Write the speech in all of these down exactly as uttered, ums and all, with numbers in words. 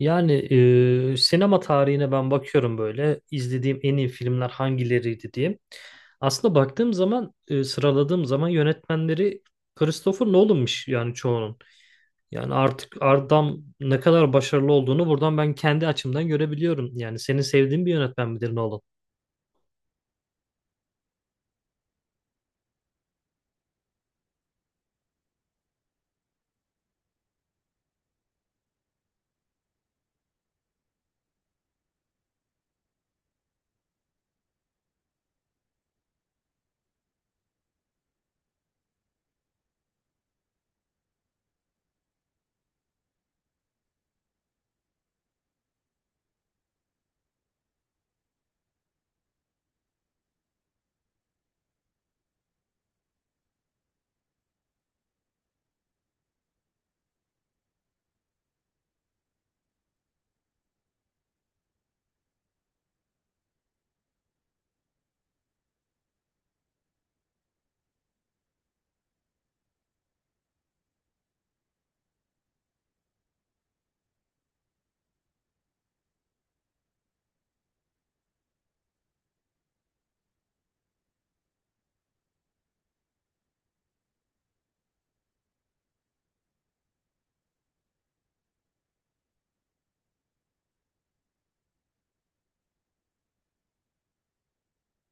Yani e, sinema tarihine ben bakıyorum böyle izlediğim en iyi filmler hangileriydi diye. Aslında baktığım zaman e, sıraladığım zaman yönetmenleri Christopher Nolan'mış yani çoğunun. Yani artık adam ne kadar başarılı olduğunu buradan ben kendi açımdan görebiliyorum. Yani senin sevdiğin bir yönetmen midir Nolan?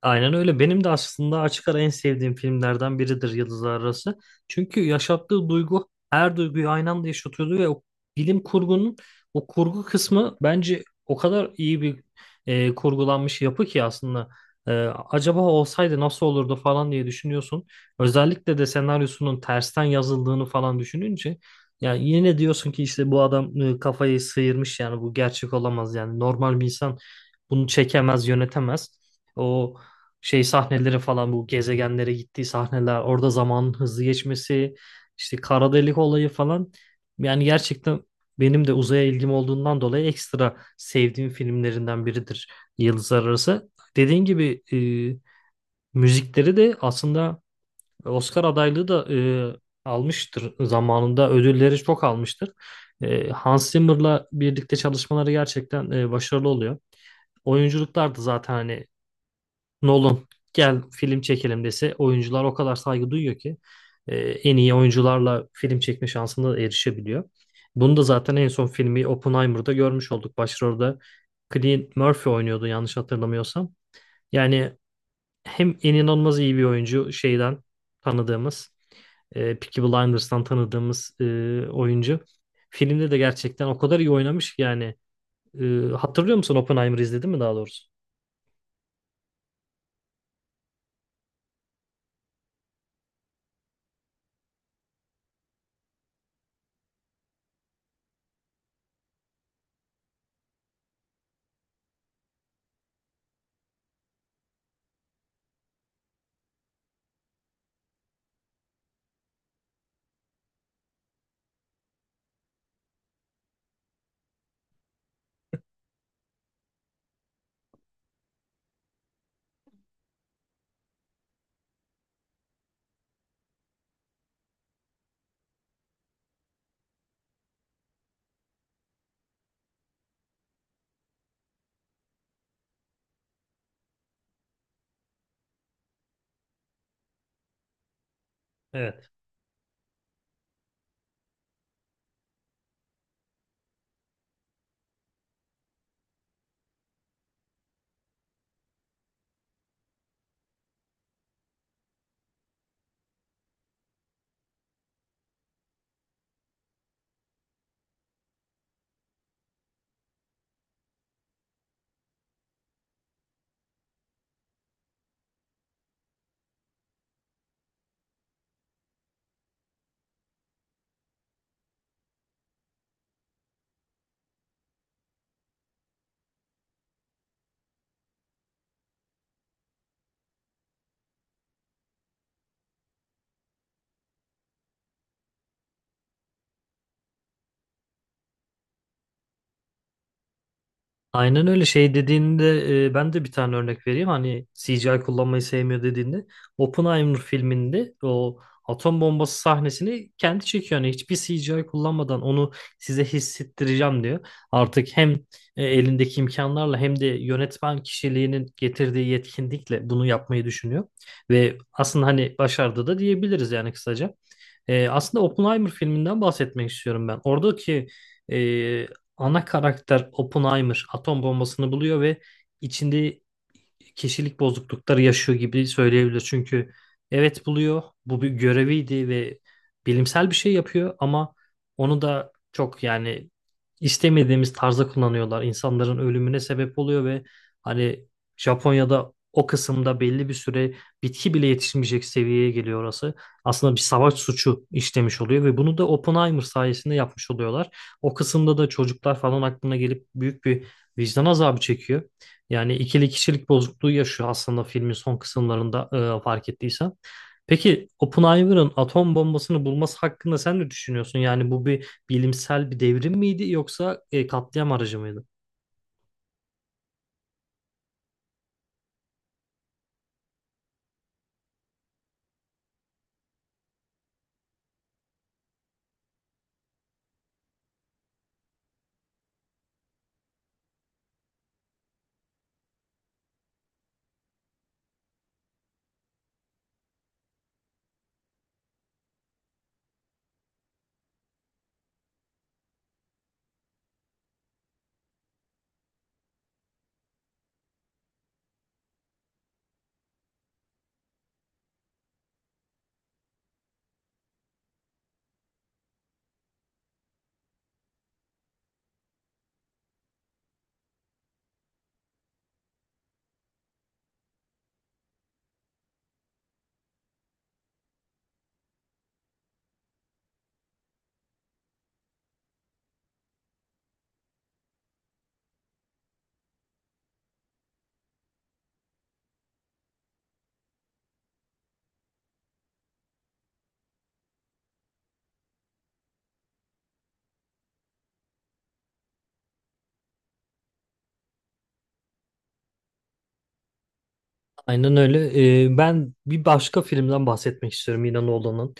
Aynen öyle. Benim de aslında açık ara en sevdiğim filmlerden biridir Yıldızlar Arası. Çünkü yaşattığı duygu her duyguyu aynı anda yaşatıyordu ve o bilim kurgunun o kurgu kısmı bence o kadar iyi bir e, kurgulanmış yapı ki aslında e, acaba olsaydı nasıl olurdu falan diye düşünüyorsun. Özellikle de senaryosunun tersten yazıldığını falan düşününce yani yine diyorsun ki işte bu adam e, kafayı sıyırmış yani bu gerçek olamaz, yani normal bir insan bunu çekemez, yönetemez. O şey sahneleri falan, bu gezegenlere gittiği sahneler, orada zamanın hızlı geçmesi, işte kara delik olayı falan, yani gerçekten benim de uzaya ilgim olduğundan dolayı ekstra sevdiğim filmlerinden biridir Yıldızlar Arası. Dediğin gibi e, müzikleri de aslında Oscar adaylığı da e, almıştır, zamanında ödülleri çok almıştır. E, Hans Zimmer'la birlikte çalışmaları gerçekten e, başarılı oluyor. Oyunculuklar da zaten, hani Nolan gel film çekelim dese oyuncular o kadar saygı duyuyor ki e, en iyi oyuncularla film çekme şansına da erişebiliyor. Bunu da zaten en son filmi Oppenheimer'da görmüş olduk. Başrolde Cillian Murphy oynuyordu yanlış hatırlamıyorsam. Yani hem en inanılmaz iyi bir oyuncu, şeyden tanıdığımız, e, Peaky Blinders'tan tanıdığımız e, oyuncu. Filmde de gerçekten o kadar iyi oynamış ki yani. E, hatırlıyor musun Oppenheimer'ı, izledin mi daha doğrusu? Evet. Aynen öyle, şey dediğinde e, ben de bir tane örnek vereyim. Hani C G I kullanmayı sevmiyor dediğinde Oppenheimer filminde o atom bombası sahnesini kendi çekiyor. Yani hiçbir C G I kullanmadan onu size hissettireceğim diyor. Artık hem e, elindeki imkanlarla hem de yönetmen kişiliğinin getirdiği yetkinlikle bunu yapmayı düşünüyor. Ve aslında hani başardı da diyebiliriz, yani kısaca. E, aslında Oppenheimer filminden bahsetmek istiyorum ben. Oradaki e, ana karakter Oppenheimer atom bombasını buluyor ve içinde kişilik bozuklukları yaşıyor gibi söyleyebilir. Çünkü evet buluyor, bu bir göreviydi ve bilimsel bir şey yapıyor ama onu da çok, yani istemediğimiz tarzda kullanıyorlar. İnsanların ölümüne sebep oluyor ve hani Japonya'da o kısımda belli bir süre bitki bile yetişmeyecek seviyeye geliyor orası. Aslında bir savaş suçu işlemiş oluyor ve bunu da Oppenheimer sayesinde yapmış oluyorlar. O kısımda da çocuklar falan aklına gelip büyük bir vicdan azabı çekiyor. Yani ikili kişilik bozukluğu yaşıyor aslında filmin son kısımlarında, e, fark ettiysen. Peki Oppenheimer'ın atom bombasını bulması hakkında sen ne düşünüyorsun? Yani bu bir bilimsel bir devrim miydi yoksa e, katliam aracı mıydı? Aynen öyle. Ee, ben bir başka filmden bahsetmek istiyorum yine Nolan'ın.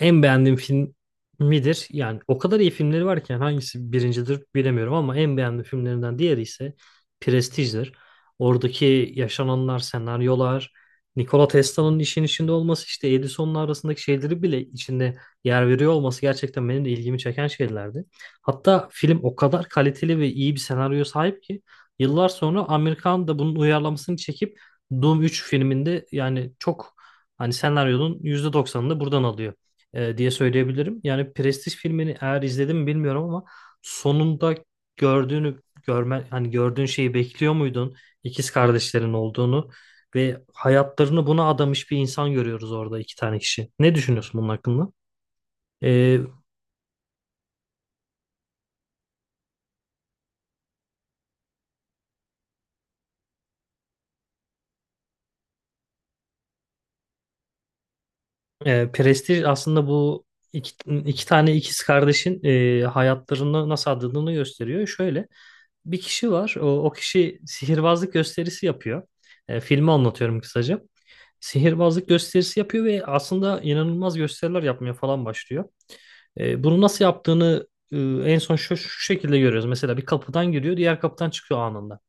En beğendiğim film midir? Yani o kadar iyi filmleri var ki yani hangisi birincidir bilemiyorum ama en beğendiğim filmlerinden diğeri ise Prestige'dir. Oradaki yaşananlar, senaryolar, Nikola Tesla'nın işin içinde olması, işte Edison'la arasındaki şeyleri bile içinde yer veriyor olması gerçekten benim de ilgimi çeken şeylerdi. Hatta film o kadar kaliteli ve iyi bir senaryo sahip ki yıllar sonra Amerikan da bunun uyarlamasını çekip Doom üç filminde, yani çok hani senaryonun yüzde doksanını buradan alıyor e, diye söyleyebilirim. Yani Prestige filmini eğer izledim mi bilmiyorum, ama sonunda gördüğünü, görme, hani gördüğün şeyi bekliyor muydun? İkiz kardeşlerin olduğunu ve hayatlarını buna adamış bir insan görüyoruz orada, iki tane kişi. Ne düşünüyorsun bunun hakkında? E, e, Prestige aslında bu iki, iki tane ikiz kardeşin e, hayatlarını nasıl adadığını gösteriyor. Şöyle bir kişi var. O, o kişi sihirbazlık gösterisi yapıyor. E, filmi anlatıyorum kısaca. Sihirbazlık gösterisi yapıyor ve aslında inanılmaz gösteriler yapmaya falan başlıyor. E, bunu nasıl yaptığını e, en son şu, şu şekilde görüyoruz. Mesela bir kapıdan giriyor, diğer kapıdan çıkıyor anında.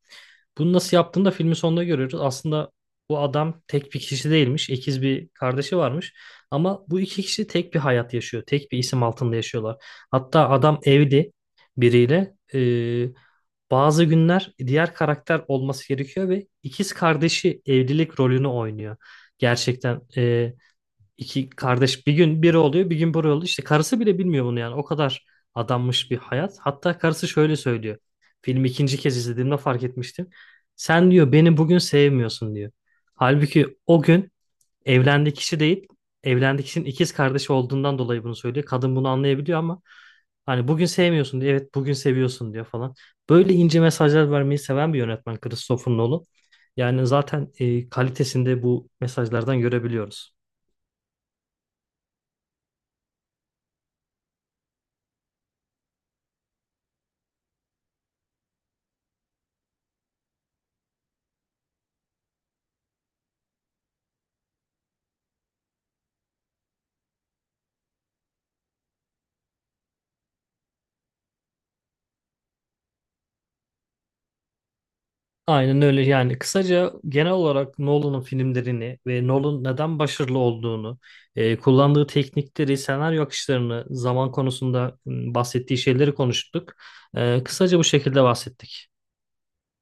Bunu nasıl yaptığını da filmin sonunda görüyoruz. Aslında bu adam tek bir kişi değilmiş. İkiz bir kardeşi varmış. Ama bu iki kişi tek bir hayat yaşıyor. Tek bir isim altında yaşıyorlar. Hatta adam evli biriyle. E, bazı günler diğer karakter olması gerekiyor ve ikiz kardeşi evlilik rolünü oynuyor. Gerçekten e, iki kardeş bir gün biri oluyor bir gün biri oluyor. İşte karısı bile bilmiyor bunu, yani o kadar adanmış bir hayat. Hatta karısı şöyle söylüyor. Filmi ikinci kez izlediğimde fark etmiştim. Sen diyor beni bugün sevmiyorsun diyor. Halbuki o gün evlendiği kişi değil, evlendiği kişinin ikiz kardeşi olduğundan dolayı bunu söylüyor. Kadın bunu anlayabiliyor ama hani bugün sevmiyorsun diyor, evet bugün seviyorsun diyor falan. Böyle ince mesajlar vermeyi seven bir yönetmen Christopher Nolan. Yani zaten e, kalitesinde bu mesajlardan görebiliyoruz. Aynen öyle. Yani kısaca genel olarak Nolan'ın filmlerini ve Nolan neden başarılı olduğunu, e, kullandığı teknikleri, senaryo akışlarını, zaman konusunda m, bahsettiği şeyleri konuştuk. E, kısaca bu şekilde bahsettik.